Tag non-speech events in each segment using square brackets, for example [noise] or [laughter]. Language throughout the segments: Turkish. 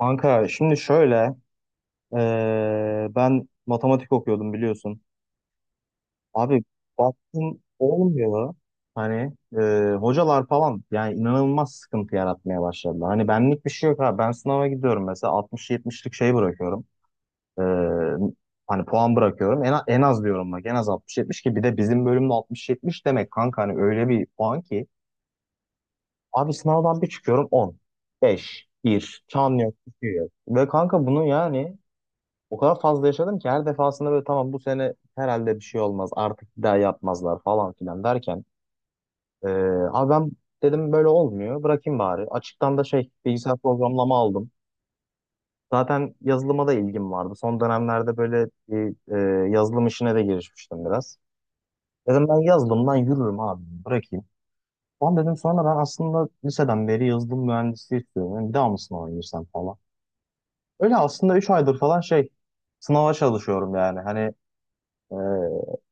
Kanka şimdi şöyle, ben matematik okuyordum biliyorsun. Abi baktım olmuyor. Hani hocalar falan yani inanılmaz sıkıntı yaratmaya başladı. Hani benlik bir şey yok abi. Ben sınava gidiyorum mesela 60-70'lik şey bırakıyorum. Eee, Hani puan bırakıyorum. En az diyorum bak en az 60-70, ki bir de bizim bölümde 60-70 demek kanka, hani öyle bir puan ki. Abi sınavdan bir çıkıyorum 10, 5, 1, çan yok, bir şey yok. Ve kanka bunu, o kadar fazla yaşadım ki her defasında böyle tamam bu sene herhalde bir şey olmaz artık bir daha yapmazlar falan filan derken, ee, abi ben dedim böyle olmuyor bırakayım bari. Açıktan da şey bilgisayar programlama aldım. Zaten yazılıma da ilgim vardı. Son dönemlerde böyle bir, yazılım işine de girişmiştim biraz. Dedim ben yazılımdan yürürüm abi, bırakayım. Ulan dedim sonra ben aslında liseden beri yazılım mühendisliği istiyorum. Yani bir daha mı sınava girsem falan. Öyle aslında 3 aydır falan şey sınava çalışıyorum yani. Hani, Ee,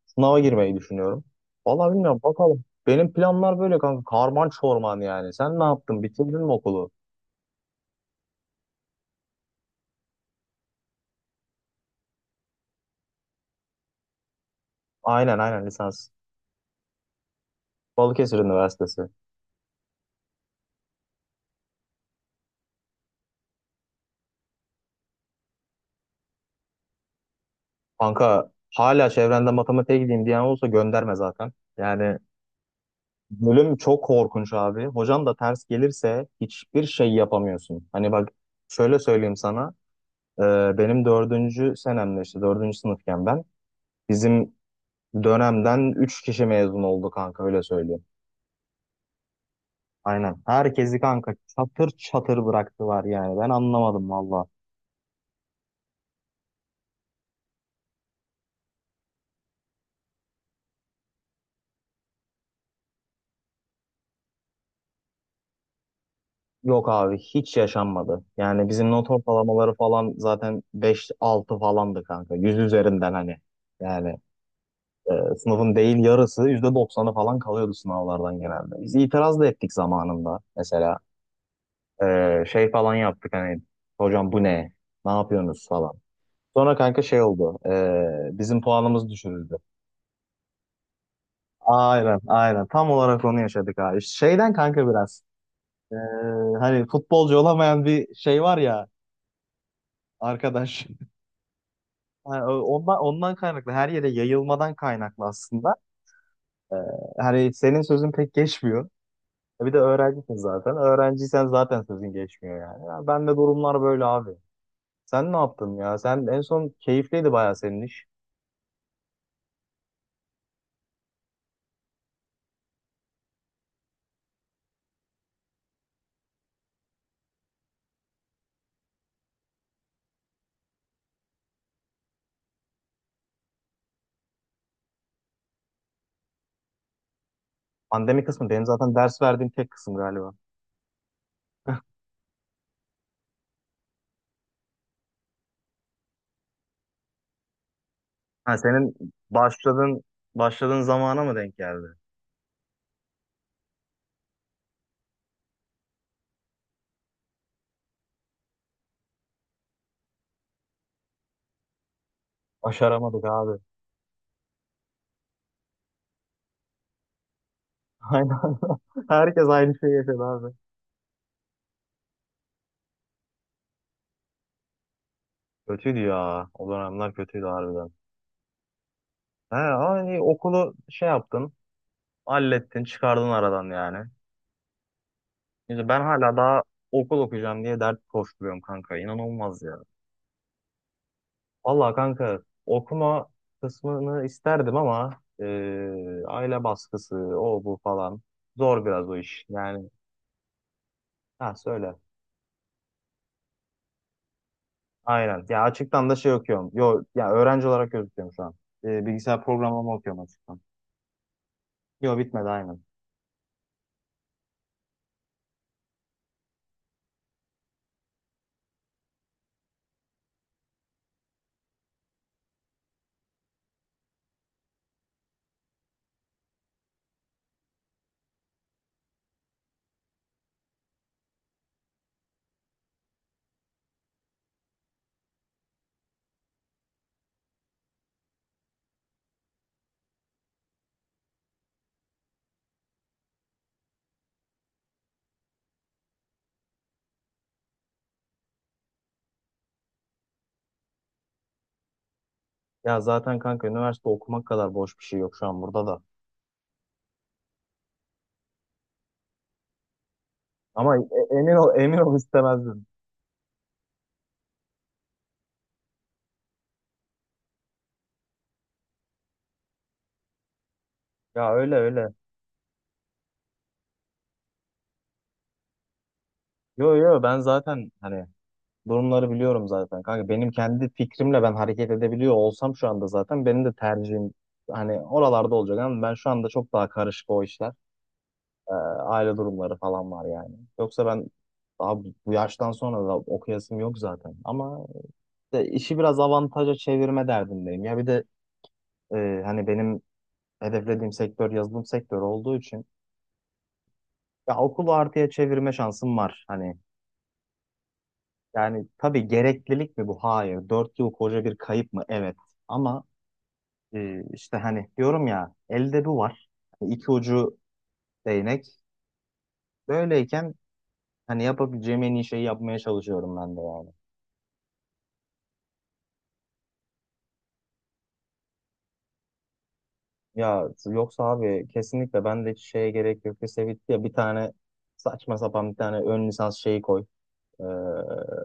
sınava girmeyi düşünüyorum. Vallahi bilmiyorum, bakalım. Benim planlar böyle kanka. Karman çorman yani. Sen ne yaptın? Bitirdin mi okulu? Aynen lisans. Balıkesir Üniversitesi. Kanka hala çevrende matematiğe gideyim diyen olsa gönderme zaten. Yani bölüm çok korkunç abi. Hocan da ters gelirse hiçbir şey yapamıyorsun. Hani bak şöyle söyleyeyim sana. Ee, Benim 4. senemde işte 4. sınıfken ben bizim dönemden 3 kişi mezun oldu kanka, öyle söyleyeyim. Aynen. Herkesi kanka çatır çatır bıraktılar yani. Ben anlamadım valla. Yok abi, hiç yaşanmadı. Yani bizim not ortalamaları falan zaten beş altı falandı kanka, 100 üzerinden hani. Yani, sınıfın değil yarısı %90'ı falan kalıyordu sınavlardan genelde. Biz itiraz da ettik zamanında. Mesela şey falan yaptık, hani hocam bu ne? Ne yapıyorsunuz falan. Sonra kanka şey oldu, bizim puanımız düşürüldü. Aynen. Tam olarak onu yaşadık abi. Şeyden kanka biraz. Ee, Hani futbolcu olamayan bir şey var ya arkadaş. [laughs] Yani ondan kaynaklı, her yere yayılmadan kaynaklı aslında. Ee, Hani senin sözün pek geçmiyor. E, bir de öğrencisin zaten. Öğrenciysen zaten sözün geçmiyor yani. Ya ben de durumlar böyle abi. Sen ne yaptın ya? Sen en son keyifliydi bayağı senin iş. Pandemi kısmı benim zaten ders verdiğim tek kısım galiba. Ha, senin başladığın başladığın zamana mı denk geldi? Başaramadık abi. [laughs] Aynen. Herkes aynı şeyi yaşadı abi. Kötüydü ya. O dönemler kötüydü harbiden. He, hani okulu şey yaptın. Hallettin, çıkardın aradan yani. Şimdi ben hala daha okul okuyacağım diye dert koşturuyorum kanka. İnanılmaz ya. Valla kanka okuma kısmını isterdim ama, e, aile baskısı, o bu falan. Zor biraz o iş. Yani ha, söyle. Aynen. Ya açıktan da şey okuyorum. Yo, ya öğrenci olarak gözüküyorum şu an. E, bilgisayar programlama okuyorum açıktan. Yo, bitmedi aynen. Ya zaten kanka üniversite okumak kadar boş bir şey yok şu an burada da. Ama emin ol istemezdim. Ya öyle öyle. Yo ben zaten hani durumları biliyorum zaten. Kanka benim kendi fikrimle ben hareket edebiliyor olsam şu anda zaten benim de tercihim hani oralarda olacak, ama ben şu anda çok daha karışık o işler. Ee, Aile durumları falan var yani. Yoksa ben daha bu yaştan sonra da okuyasım yok zaten. Ama işte işi biraz avantaja çevirme derdindeyim. Ya bir de hani benim hedeflediğim sektör yazılım sektörü olduğu için ya okulu artıya çevirme şansım var. Hani yani tabii gereklilik mi bu? Hayır. 4 yıl koca bir kayıp mı? Evet. Ama işte hani diyorum ya, elde bu var. Hani iki ucu değnek. Böyleyken hani yapabileceğim en iyi şeyi yapmaya çalışıyorum ben de yani. Ya yoksa abi kesinlikle ben de hiç şeye gerek yok. Lise bitti ya, bir tane saçma sapan bir tane ön lisans şeyi koy. Ee,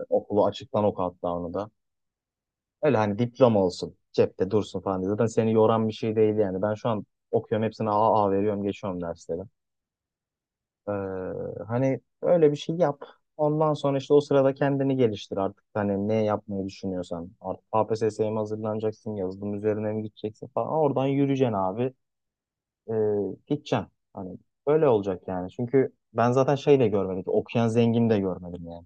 Okulu açıktan oku hatta onu da. Öyle hani diploma olsun, cepte dursun falan diye. Zaten seni yoran bir şey değil yani. Ben şu an okuyorum, hepsine A A veriyorum, geçiyorum dersleri. Ee, Hani öyle bir şey yap. Ondan sonra işte o sırada kendini geliştir artık. Hani ne yapmayı düşünüyorsan. Artık KPSS'ye mi hazırlanacaksın? Yazılım üzerine mi gideceksin falan. Oradan yürüyeceksin abi. Ee, Gideceksin. Hani böyle olacak yani. Çünkü ben zaten şey de görmedim. Okuyan zengin de görmedim yani.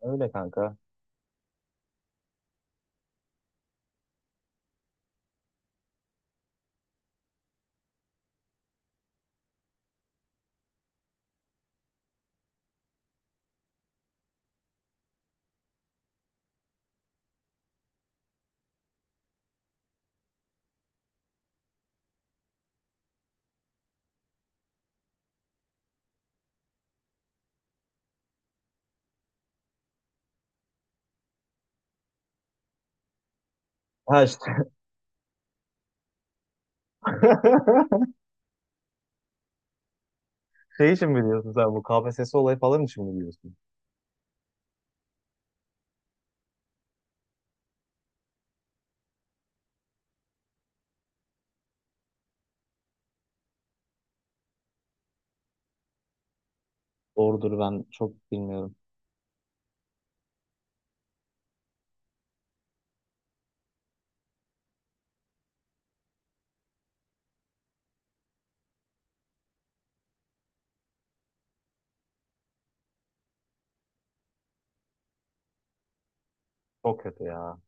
Öyle kanka. Ha işte. [laughs] Şey için mi diyorsun, sen bu KPSS olayı falan için mi diyorsun? Doğrudur, ben çok bilmiyorum. Çok kötü ya.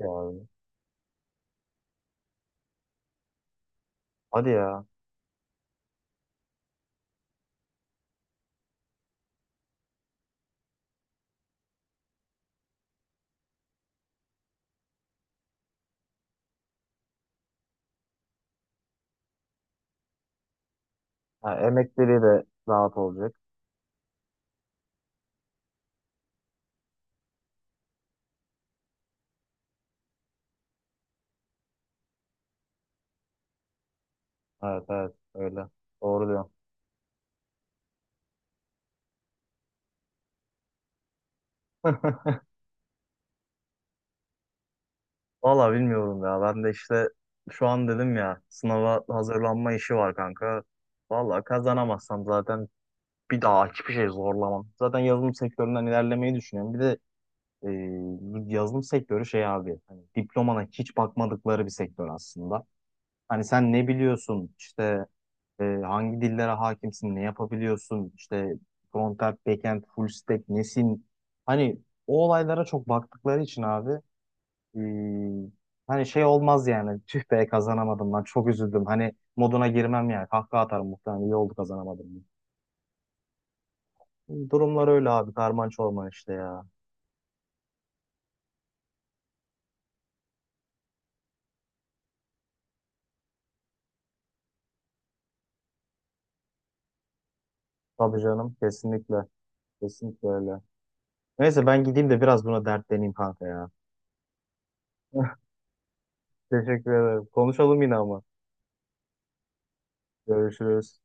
Vallahi. Hadi ya. Ha, emekleri de rahat olacak. Evet evet öyle. Doğru diyorsun. [laughs] Valla bilmiyorum ya. Ben de işte şu an dedim ya, sınava hazırlanma işi var kanka. Valla kazanamazsam zaten bir daha hiçbir şey zorlamam. Zaten yazılım sektöründen ilerlemeyi düşünüyorum. Bir de e, bu yazılım sektörü şey abi, hani diplomana hiç bakmadıkları bir sektör aslında. Hani sen ne biliyorsun işte, E, hangi dillere hakimsin, ne yapabiliyorsun, işte frontend, backend, full stack nesin? Hani o olaylara çok baktıkları için abi, e, hani şey olmaz yani tüh be kazanamadım lan çok üzüldüm. Hani moduna girmem yani, kahkaha atarım muhtemelen, iyi oldu kazanamadım diye. Durumlar öyle abi, karman çorman işte ya. Tabii canım, kesinlikle kesinlikle öyle. Neyse ben gideyim de biraz buna dertleneyim kanka ya. [laughs] Teşekkür ederim. Konuşalım yine ama. Görüşürüz.